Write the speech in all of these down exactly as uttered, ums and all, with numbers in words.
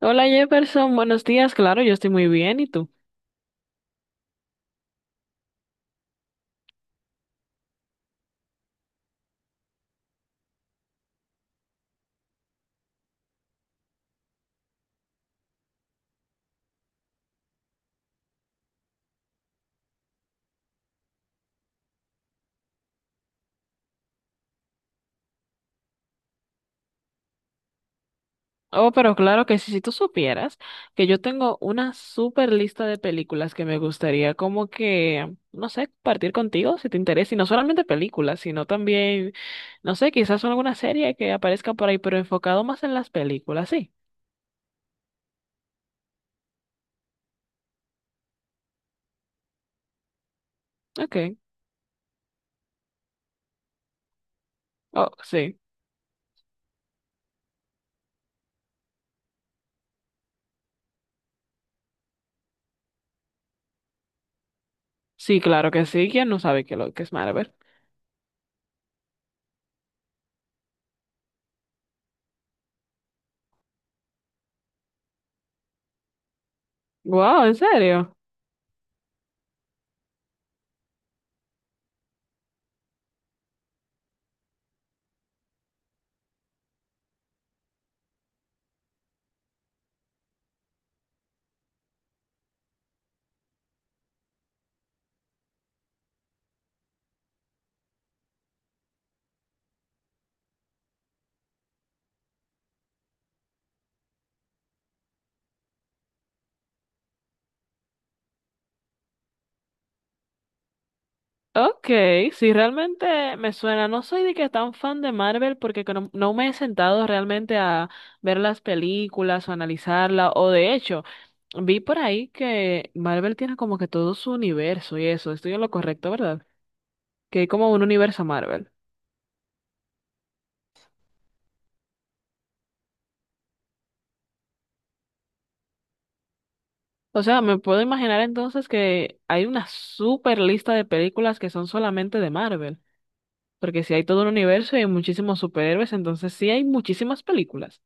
Hola Jefferson, buenos días. Claro, yo estoy muy bien. ¿Y tú? Oh, pero claro que sí, si tú supieras que yo tengo una super lista de películas que me gustaría como que, no sé, compartir contigo si te interesa. Y no solamente películas, sino también, no sé, quizás alguna serie que aparezca por ahí, pero enfocado más en las películas. Sí, ok. Oh, sí. Sí, claro que sí. ¿Quién no sabe que lo que es Marvel? Wow, ¿en serio? Ok, sí, realmente me suena. No soy de que tan fan de Marvel porque que no, no me he sentado realmente a ver las películas o analizarla. O de hecho, vi por ahí que Marvel tiene como que todo su universo y eso. Estoy en lo correcto, ¿verdad? Que hay como un universo Marvel. O sea, me puedo imaginar entonces que hay una super lista de películas que son solamente de Marvel. Porque si hay todo un universo y hay muchísimos superhéroes, entonces sí hay muchísimas películas.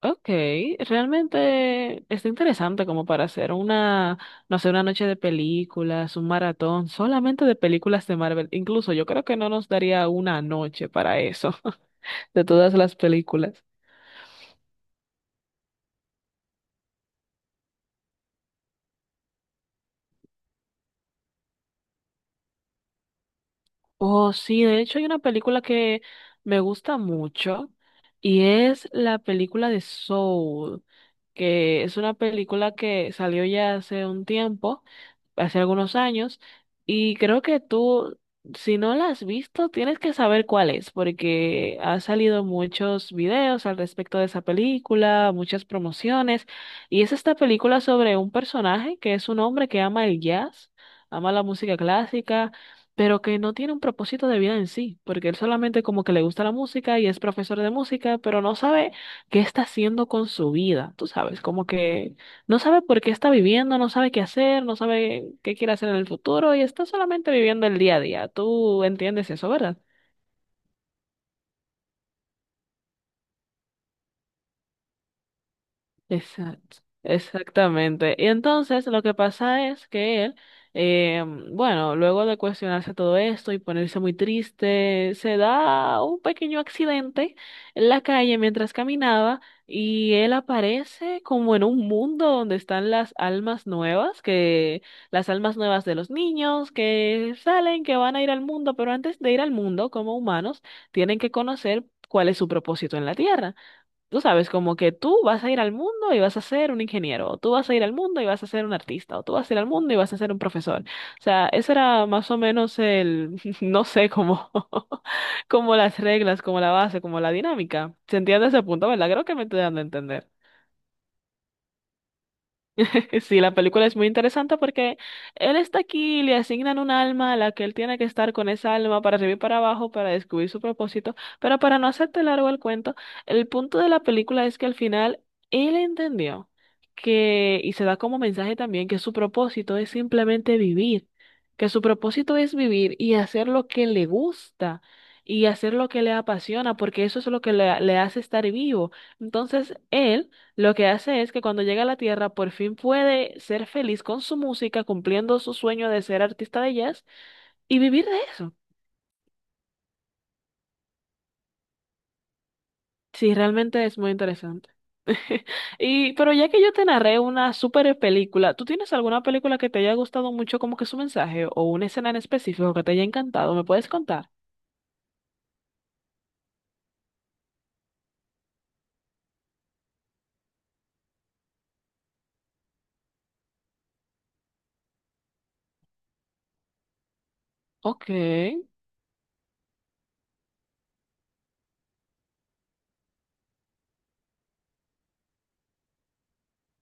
Ok, realmente está interesante como para hacer una, no sé, una noche de películas, un maratón, solamente de películas de Marvel. Incluso yo creo que no nos daría una noche para eso, de todas las películas. Oh, sí, de hecho hay una película que me gusta mucho y es la película de Soul, que es una película que salió ya hace un tiempo, hace algunos años, y creo que tú, si no la has visto, tienes que saber cuál es, porque ha salido muchos videos al respecto de esa película, muchas promociones, y es esta película sobre un personaje que es un hombre que ama el jazz, ama la música clásica pero que no tiene un propósito de vida en sí, porque él solamente como que le gusta la música y es profesor de música, pero no sabe qué está haciendo con su vida, tú sabes, como que no sabe por qué está viviendo, no sabe qué hacer, no sabe qué quiere hacer en el futuro y está solamente viviendo el día a día. Tú entiendes eso, ¿verdad? Exacto, exactamente. Y entonces lo que pasa es que él, eh, bueno, luego de cuestionarse todo esto y ponerse muy triste, se da un pequeño accidente en la calle mientras caminaba y él aparece como en un mundo donde están las almas nuevas, que las almas nuevas de los niños que salen, que van a ir al mundo, pero antes de ir al mundo como humanos, tienen que conocer cuál es su propósito en la tierra. Tú sabes, como que tú vas a ir al mundo y vas a ser un ingeniero, o tú vas a ir al mundo y vas a ser un artista, o tú vas a ir al mundo y vas a ser un profesor. O sea, eso era más o menos el, no sé, como, como las reglas, como la base, como la dinámica. ¿Se entiende ese punto, verdad? Creo que me estoy dando a entender. Sí, la película es muy interesante porque él está aquí, le asignan un alma a la que él tiene que estar con esa alma para arriba y para abajo para descubrir su propósito. Pero para no hacerte largo el cuento, el punto de la película es que al final él entendió que, y se da como mensaje también, que su propósito es simplemente vivir, que su propósito es vivir y hacer lo que le gusta. Y hacer lo que le apasiona, porque eso es lo que le le hace estar vivo. Entonces, él lo que hace es que cuando llega a la Tierra por fin puede ser feliz con su música, cumpliendo su sueño de ser artista de jazz y vivir de eso. Sí, realmente es muy interesante. Y, pero ya que yo te narré una super película, ¿tú tienes alguna película que te haya gustado mucho como que su mensaje o una escena en específico que te haya encantado? ¿Me puedes contar? Ok,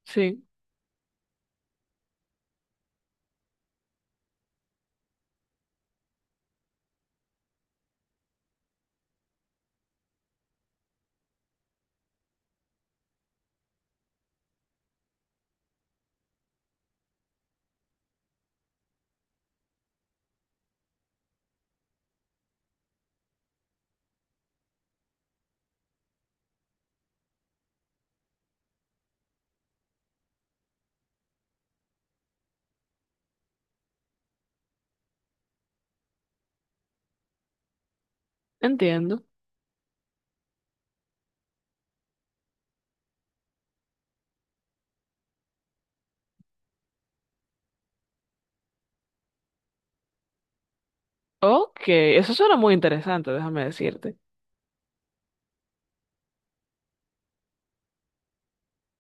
sí, entiendo. Ok, eso suena muy interesante, déjame decirte.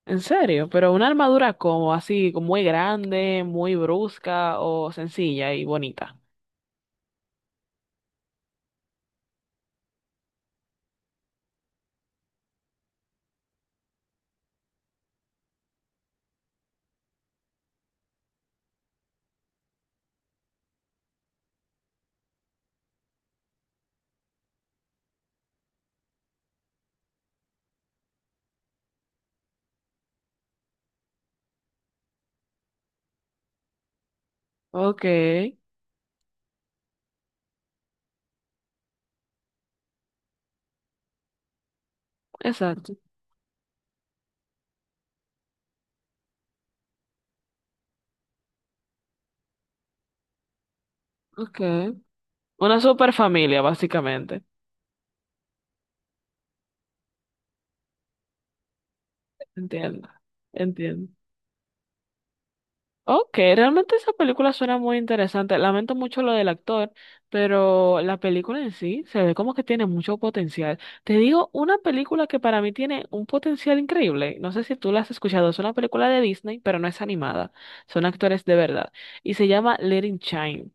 En serio, pero una armadura como así, como muy grande, muy brusca o sencilla y bonita. Ok, exacto. Ok. Una super familia, básicamente. Entiendo, entiendo. Ok, realmente esa película suena muy interesante. Lamento mucho lo del actor, pero la película en sí se ve como que tiene mucho potencial. Te digo, una película que para mí tiene un potencial increíble. No sé si tú la has escuchado, es una película de Disney, pero no es animada. Son actores de verdad. Y se llama Let It Shine.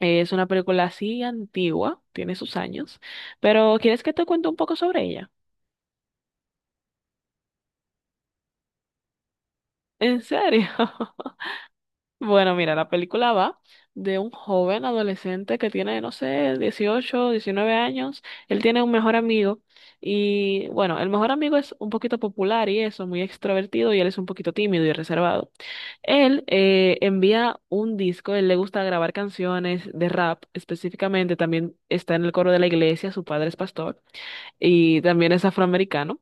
Es una película así antigua, tiene sus años, pero ¿quieres que te cuente un poco sobre ella? ¿En serio? Bueno, mira, la película va de un joven adolescente que tiene, no sé, dieciocho, diecinueve años. Él tiene un mejor amigo y, bueno, el mejor amigo es un poquito popular y eso, muy extrovertido y él es un poquito tímido y reservado. Él eh, envía un disco, él le gusta grabar canciones de rap específicamente, también está en el coro de la iglesia, su padre es pastor y también es afroamericano.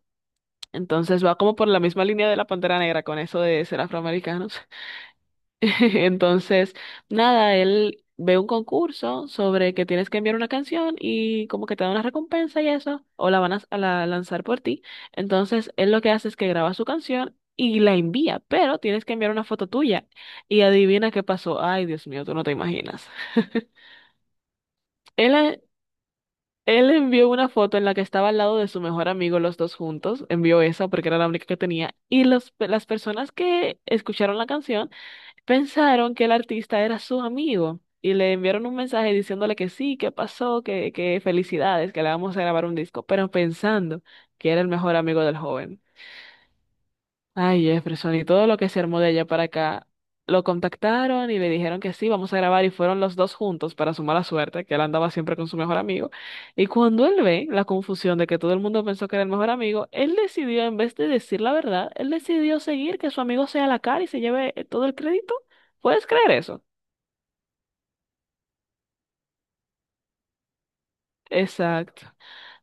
Entonces va como por la misma línea de la Pantera Negra con eso de ser afroamericanos. Entonces, nada, él ve un concurso sobre que tienes que enviar una canción y como que te da una recompensa y eso, o la van a, a la- lanzar por ti. Entonces, él lo que hace es que graba su canción y la envía, pero tienes que enviar una foto tuya. Y adivina qué pasó. Ay, Dios mío, tú no te imaginas. Él, eh, él envió una foto en la que estaba al lado de su mejor amigo, los dos juntos. Envió esa porque era la única que tenía. Y los, las personas que escucharon la canción pensaron que el artista era su amigo y le enviaron un mensaje diciéndole que sí, que pasó, que, que felicidades, que le vamos a grabar un disco, pero pensando que era el mejor amigo del joven. Ay, Jefferson, y todo lo que se armó de allá para acá. Lo contactaron y le dijeron que sí, vamos a grabar y fueron los dos juntos para su mala suerte, que él andaba siempre con su mejor amigo. Y cuando él ve la confusión de que todo el mundo pensó que era el mejor amigo, él decidió, en vez de decir la verdad, él decidió seguir que su amigo sea la cara y se lleve eh, todo el crédito. ¿Puedes creer eso? Exacto.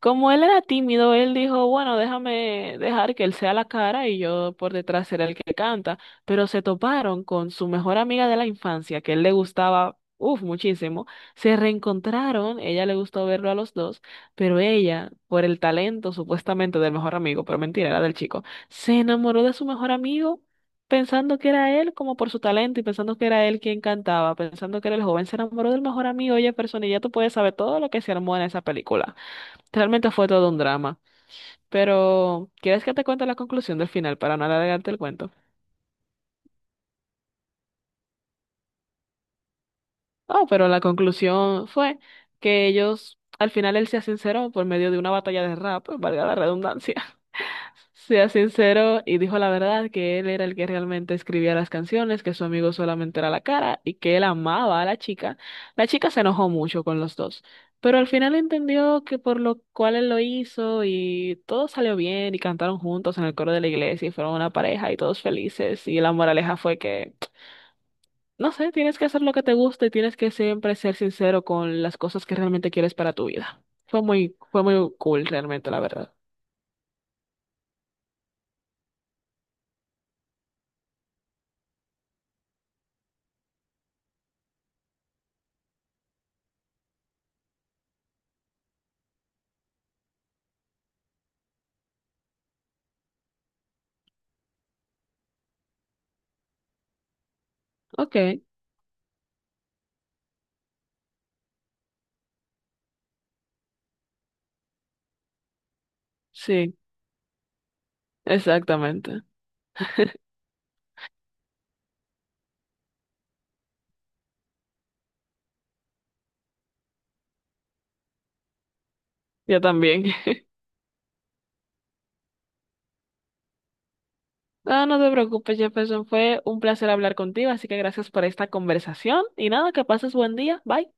Como él era tímido, él dijo, bueno, déjame dejar que él sea la cara y yo por detrás seré el que canta. Pero se toparon con su mejor amiga de la infancia, que él le gustaba, uff, muchísimo. Se reencontraron, ella le gustó verlo a los dos, pero ella, por el talento supuestamente del mejor amigo, pero mentira, era del chico, se enamoró de su mejor amigo pensando que era él como por su talento y pensando que era él quien cantaba, pensando que era el joven, se enamoró del mejor amigo, oye, persona, y ya tú puedes saber todo lo que se armó en esa película. Realmente fue todo un drama. Pero, ¿quieres que te cuente la conclusión del final para no alargarte el cuento? Oh, pero la conclusión fue que ellos, al final él se sinceró por medio de una batalla de rap, valga la redundancia. Sea sincero y dijo la verdad que él era el que realmente escribía las canciones, que su amigo solamente era la cara y que él amaba a la chica. La chica se enojó mucho con los dos, pero al final entendió que por lo cual él lo hizo y todo salió bien y cantaron juntos en el coro de la iglesia y fueron una pareja y todos felices y la moraleja fue que, no sé, tienes que hacer lo que te gusta y tienes que siempre ser sincero con las cosas que realmente quieres para tu vida. Fue muy, fue muy cool realmente, la verdad. Ok, sí, exactamente. Yo también. No, no te preocupes, Jefferson. Fue un placer hablar contigo, así que gracias por esta conversación. Y nada, que pases buen día. Bye.